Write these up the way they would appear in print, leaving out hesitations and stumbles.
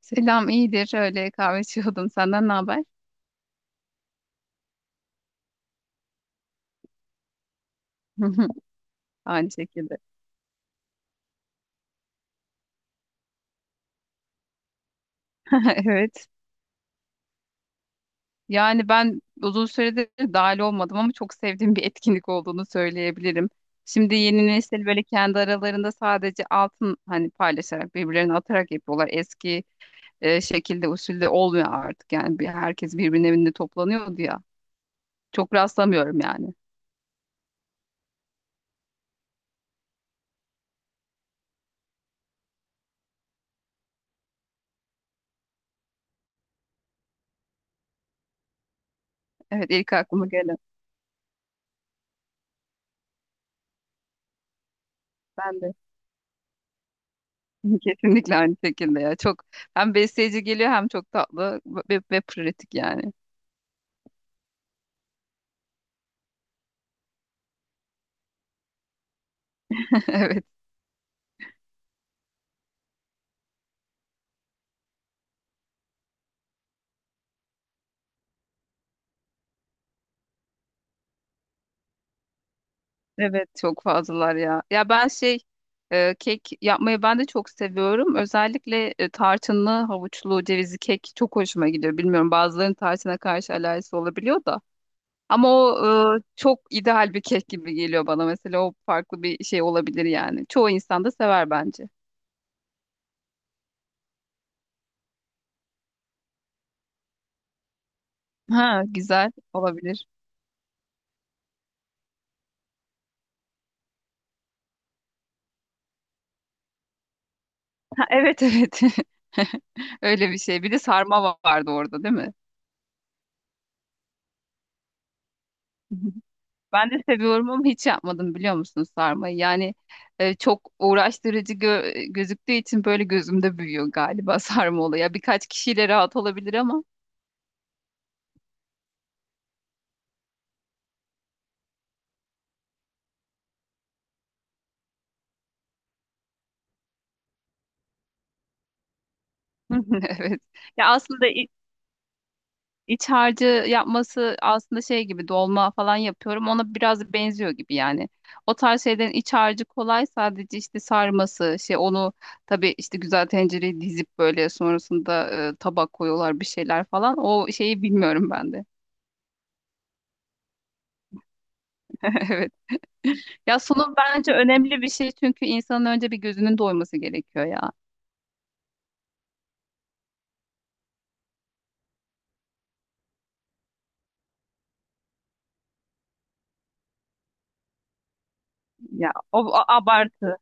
Selam, iyidir. Öyle kahve içiyordum. Senden ne haber? Aynı şekilde. Evet. Yani ben uzun süredir dahil olmadım ama çok sevdiğim bir etkinlik olduğunu söyleyebilirim. Şimdi yeni nesil böyle kendi aralarında sadece altın hani paylaşarak birbirlerine atarak yapıyorlar. Eski şekilde usulde olmuyor artık. Yani bir, herkes birbirinin evinde toplanıyordu ya. Çok rastlamıyorum yani. Evet, ilk aklıma gelen. Ben de. Kesinlikle aynı şekilde ya. Çok hem besleyici geliyor hem çok tatlı ve pratik yani. Evet. Evet, çok fazlalar ya. Ya ben şey kek yapmayı ben de çok seviyorum. Özellikle tarçınlı, havuçlu, cevizli kek çok hoşuma gidiyor. Bilmiyorum, bazılarının tarçına karşı alerjisi olabiliyor da. Ama o çok ideal bir kek gibi geliyor bana. Mesela o farklı bir şey olabilir yani. Çoğu insan da sever bence. Ha, güzel olabilir. Ha, evet, evet. Öyle bir şey. Bir de vardı orada, değil mi? Ben de seviyorum ama hiç yapmadım biliyor musun sarmayı? Yani çok uğraştırıcı gözüktüğü için böyle gözümde büyüyor galiba sarma olayı. Ya birkaç kişiyle rahat olabilir ama. Evet. Ya aslında i- İç harcı yapması aslında şey gibi, dolma falan yapıyorum. Ona biraz benziyor gibi yani. O tarz şeylerin iç harcı kolay, sadece işte sarması şey, onu tabii işte güzel tencereye dizip böyle sonrasında tabak koyuyorlar bir şeyler falan. O şeyi bilmiyorum ben de. Evet. Ya sunum bence önemli bir şey, çünkü insanın önce bir gözünün doyması gerekiyor ya. O abartı.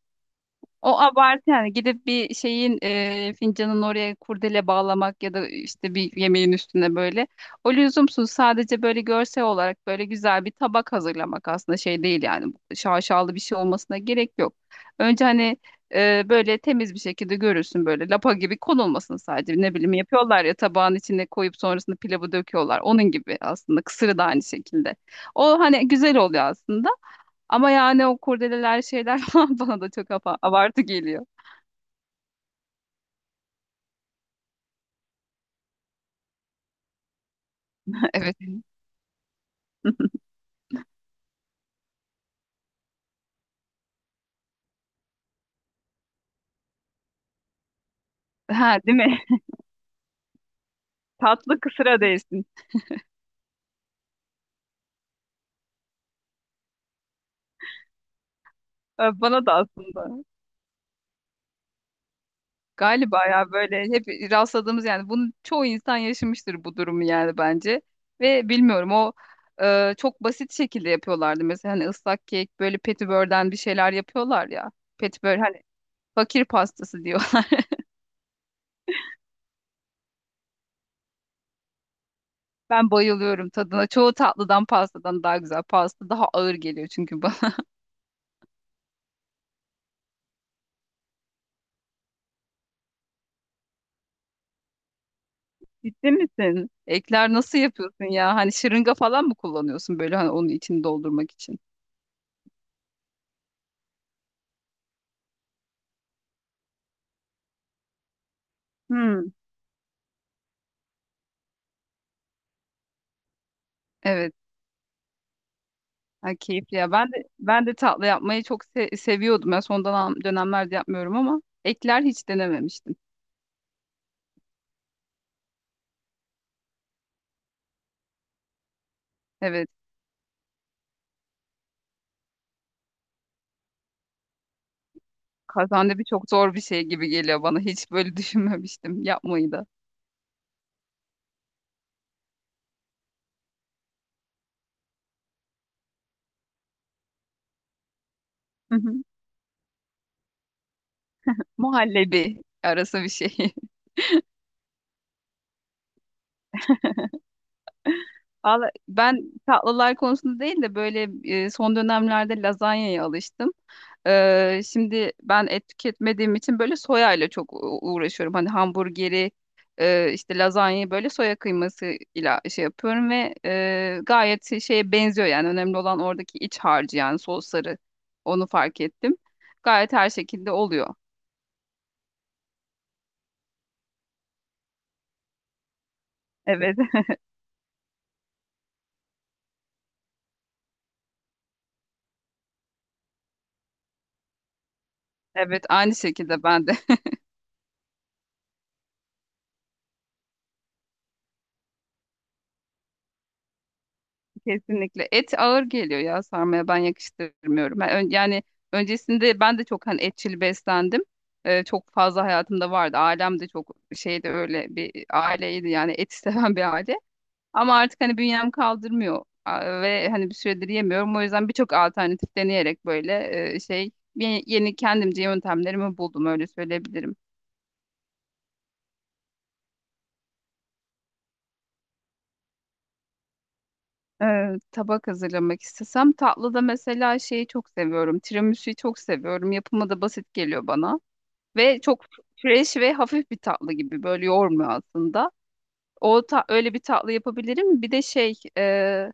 O abartı yani, gidip bir şeyin fincanın oraya kurdele bağlamak ya da işte bir yemeğin üstüne böyle. O lüzumsuz, sadece böyle görsel olarak böyle güzel bir tabak hazırlamak aslında şey değil yani, şaşalı bir şey olmasına gerek yok. Önce hani böyle temiz bir şekilde görürsün, böyle lapa gibi konulmasın, sadece ne bileyim, yapıyorlar ya, tabağın içine koyup sonrasında pilavı döküyorlar. Onun gibi aslında, kısırı da aynı şekilde. O hani güzel oluyor aslında. Ama yani o kurdeleler, şeyler falan bana da çok abartı geliyor. Evet. Ha, değil mi? Tatlı kısıra değsin. Ha, bana da aslında. Galiba ya, böyle hep rastladığımız, yani bunu çoğu insan yaşamıştır bu durumu yani bence. Ve bilmiyorum, o çok basit şekilde yapıyorlardı. Mesela hani ıslak kek, böyle petibörden bir şeyler yapıyorlar ya. Petibör hani fakir pastası diyor. Ben bayılıyorum tadına. Çoğu tatlıdan, pastadan daha güzel. Pasta daha ağır geliyor çünkü bana. Ciddi misin? Ekler nasıl yapıyorsun ya? Hani şırınga falan mı kullanıyorsun böyle, hani onun içini doldurmak için? Hmm. Evet. Ha, keyifli ya. Ben de, ben de tatlı yapmayı çok seviyordum. Ya dönemlerde yapmıyorum, ama ekler hiç denememiştim. Evet. Kazandibi çok zor bir şey gibi geliyor bana. Hiç böyle düşünmemiştim yapmayı da. Hı hı. Muhallebi arası bir şey. Valla ben tatlılar konusunda değil de böyle son dönemlerde lazanyaya alıştım. Şimdi ben et tüketmediğim için böyle soya ile çok uğraşıyorum. Hani hamburgeri, işte lazanyayı böyle soya kıyması ile şey yapıyorum ve gayet şeye benziyor yani. Önemli olan oradaki iç harcı, yani sosları. Onu fark ettim. Gayet her şekilde oluyor. Evet. Evet, aynı şekilde ben de. Kesinlikle. Et ağır geliyor ya, sarmaya ben yakıştırmıyorum. Yani öncesinde ben de çok hani etçil beslendim. Çok fazla hayatımda vardı. Ailem de çok şeydi, öyle bir aileydi yani, eti seven bir aile. Ama artık hani bünyem kaldırmıyor. Aa, ve hani bir süredir yemiyorum. O yüzden birçok alternatif deneyerek böyle şey yeni kendimce yöntemlerimi buldum, öyle söyleyebilirim. Ee, Tabak hazırlamak istesem, tatlıda mesela şeyi çok seviyorum. Tiramisu'yu çok seviyorum. Yapımı da basit geliyor bana. Ve çok fresh ve hafif bir tatlı gibi, böyle yoğurmuyor aslında. Öyle bir tatlı yapabilirim. Bir de şey,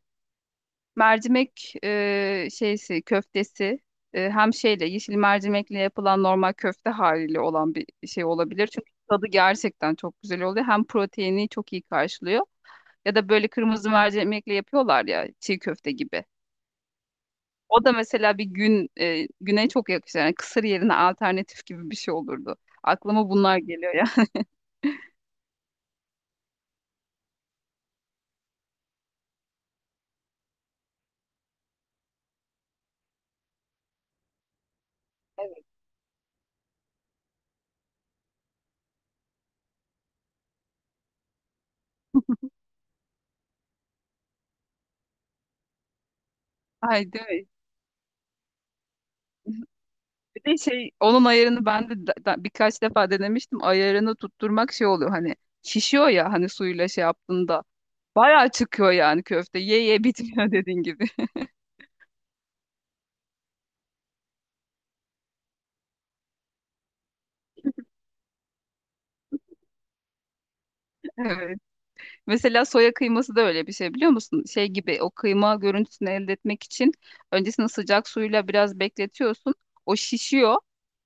mercimek, şeysi, köftesi, hem şeyle, yeşil mercimekle yapılan normal köfte haliyle olan bir şey olabilir. Çünkü tadı gerçekten çok güzel oluyor. Hem proteini çok iyi karşılıyor. Ya da böyle kırmızı mercimekle yapıyorlar ya, çiğ köfte gibi. O da mesela bir güne çok yakışır. Yani kısır yerine alternatif gibi bir şey olurdu. Aklıma bunlar geliyor ya. Ay, değil mi? Bir de şey, onun ayarını ben de birkaç defa denemiştim. Ayarını tutturmak şey oluyor hani, şişiyor ya hani suyla şey yaptığında. Bayağı çıkıyor yani köfte. Ye ye bitmiyor dediğin gibi. Evet. Mesela soya kıyması da öyle bir şey, biliyor musun? Şey gibi, o kıyma görüntüsünü elde etmek için öncesinde sıcak suyla biraz bekletiyorsun. O şişiyor.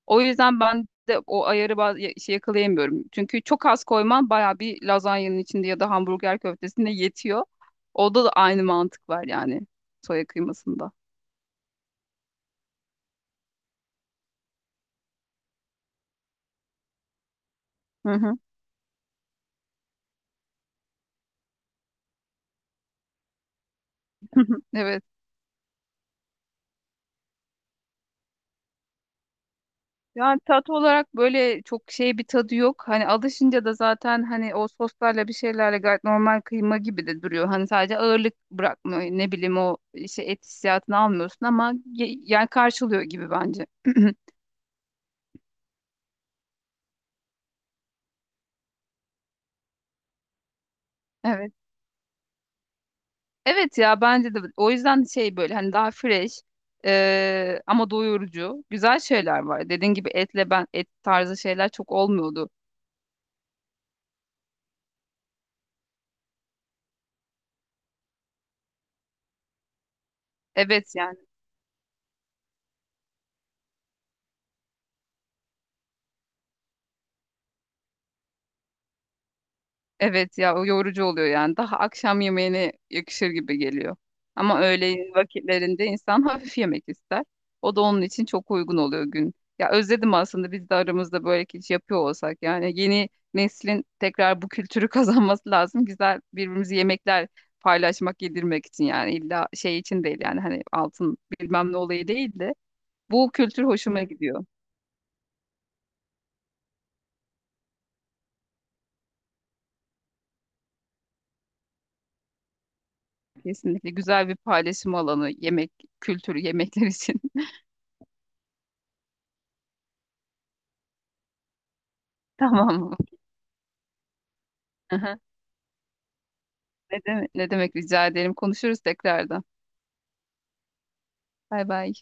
O yüzden ben de o ayarı şey yakalayamıyorum. Çünkü çok az koyman baya bir lazanyanın içinde ya da hamburger köftesinde yetiyor. Orada da aynı mantık var yani, soya kıymasında. Hı hı. Evet. Yani tat olarak böyle çok şey, bir tadı yok. Hani alışınca da zaten, hani o soslarla bir şeylerle gayet normal kıyma gibi de duruyor. Hani sadece ağırlık bırakmıyor. Ne bileyim, o işte et hissiyatını almıyorsun ama yani karşılıyor gibi bence. Evet. Evet ya bence de, o yüzden şey, böyle hani daha fresh, ama doyurucu güzel şeyler var. Dediğin gibi etle, ben et tarzı şeyler çok olmuyordu. Evet yani. Evet ya, o yorucu oluyor yani. Daha akşam yemeğine yakışır gibi geliyor. Ama öğleyin vakitlerinde insan hafif yemek ister. O da onun için çok uygun oluyor gün. Ya özledim aslında, biz de aramızda böyle hiç yapıyor olsak. Yani yeni neslin tekrar bu kültürü kazanması lazım. Güzel, birbirimizi yemekler paylaşmak, yedirmek için, yani illa şey için değil yani, hani altın bilmem ne olayı değil de, bu kültür hoşuma gidiyor. Kesinlikle güzel bir paylaşım alanı, yemek kültürü, yemekler için. Tamam mı? Ne demek, ne demek, rica ederim. Konuşuruz tekrardan. Bay bay.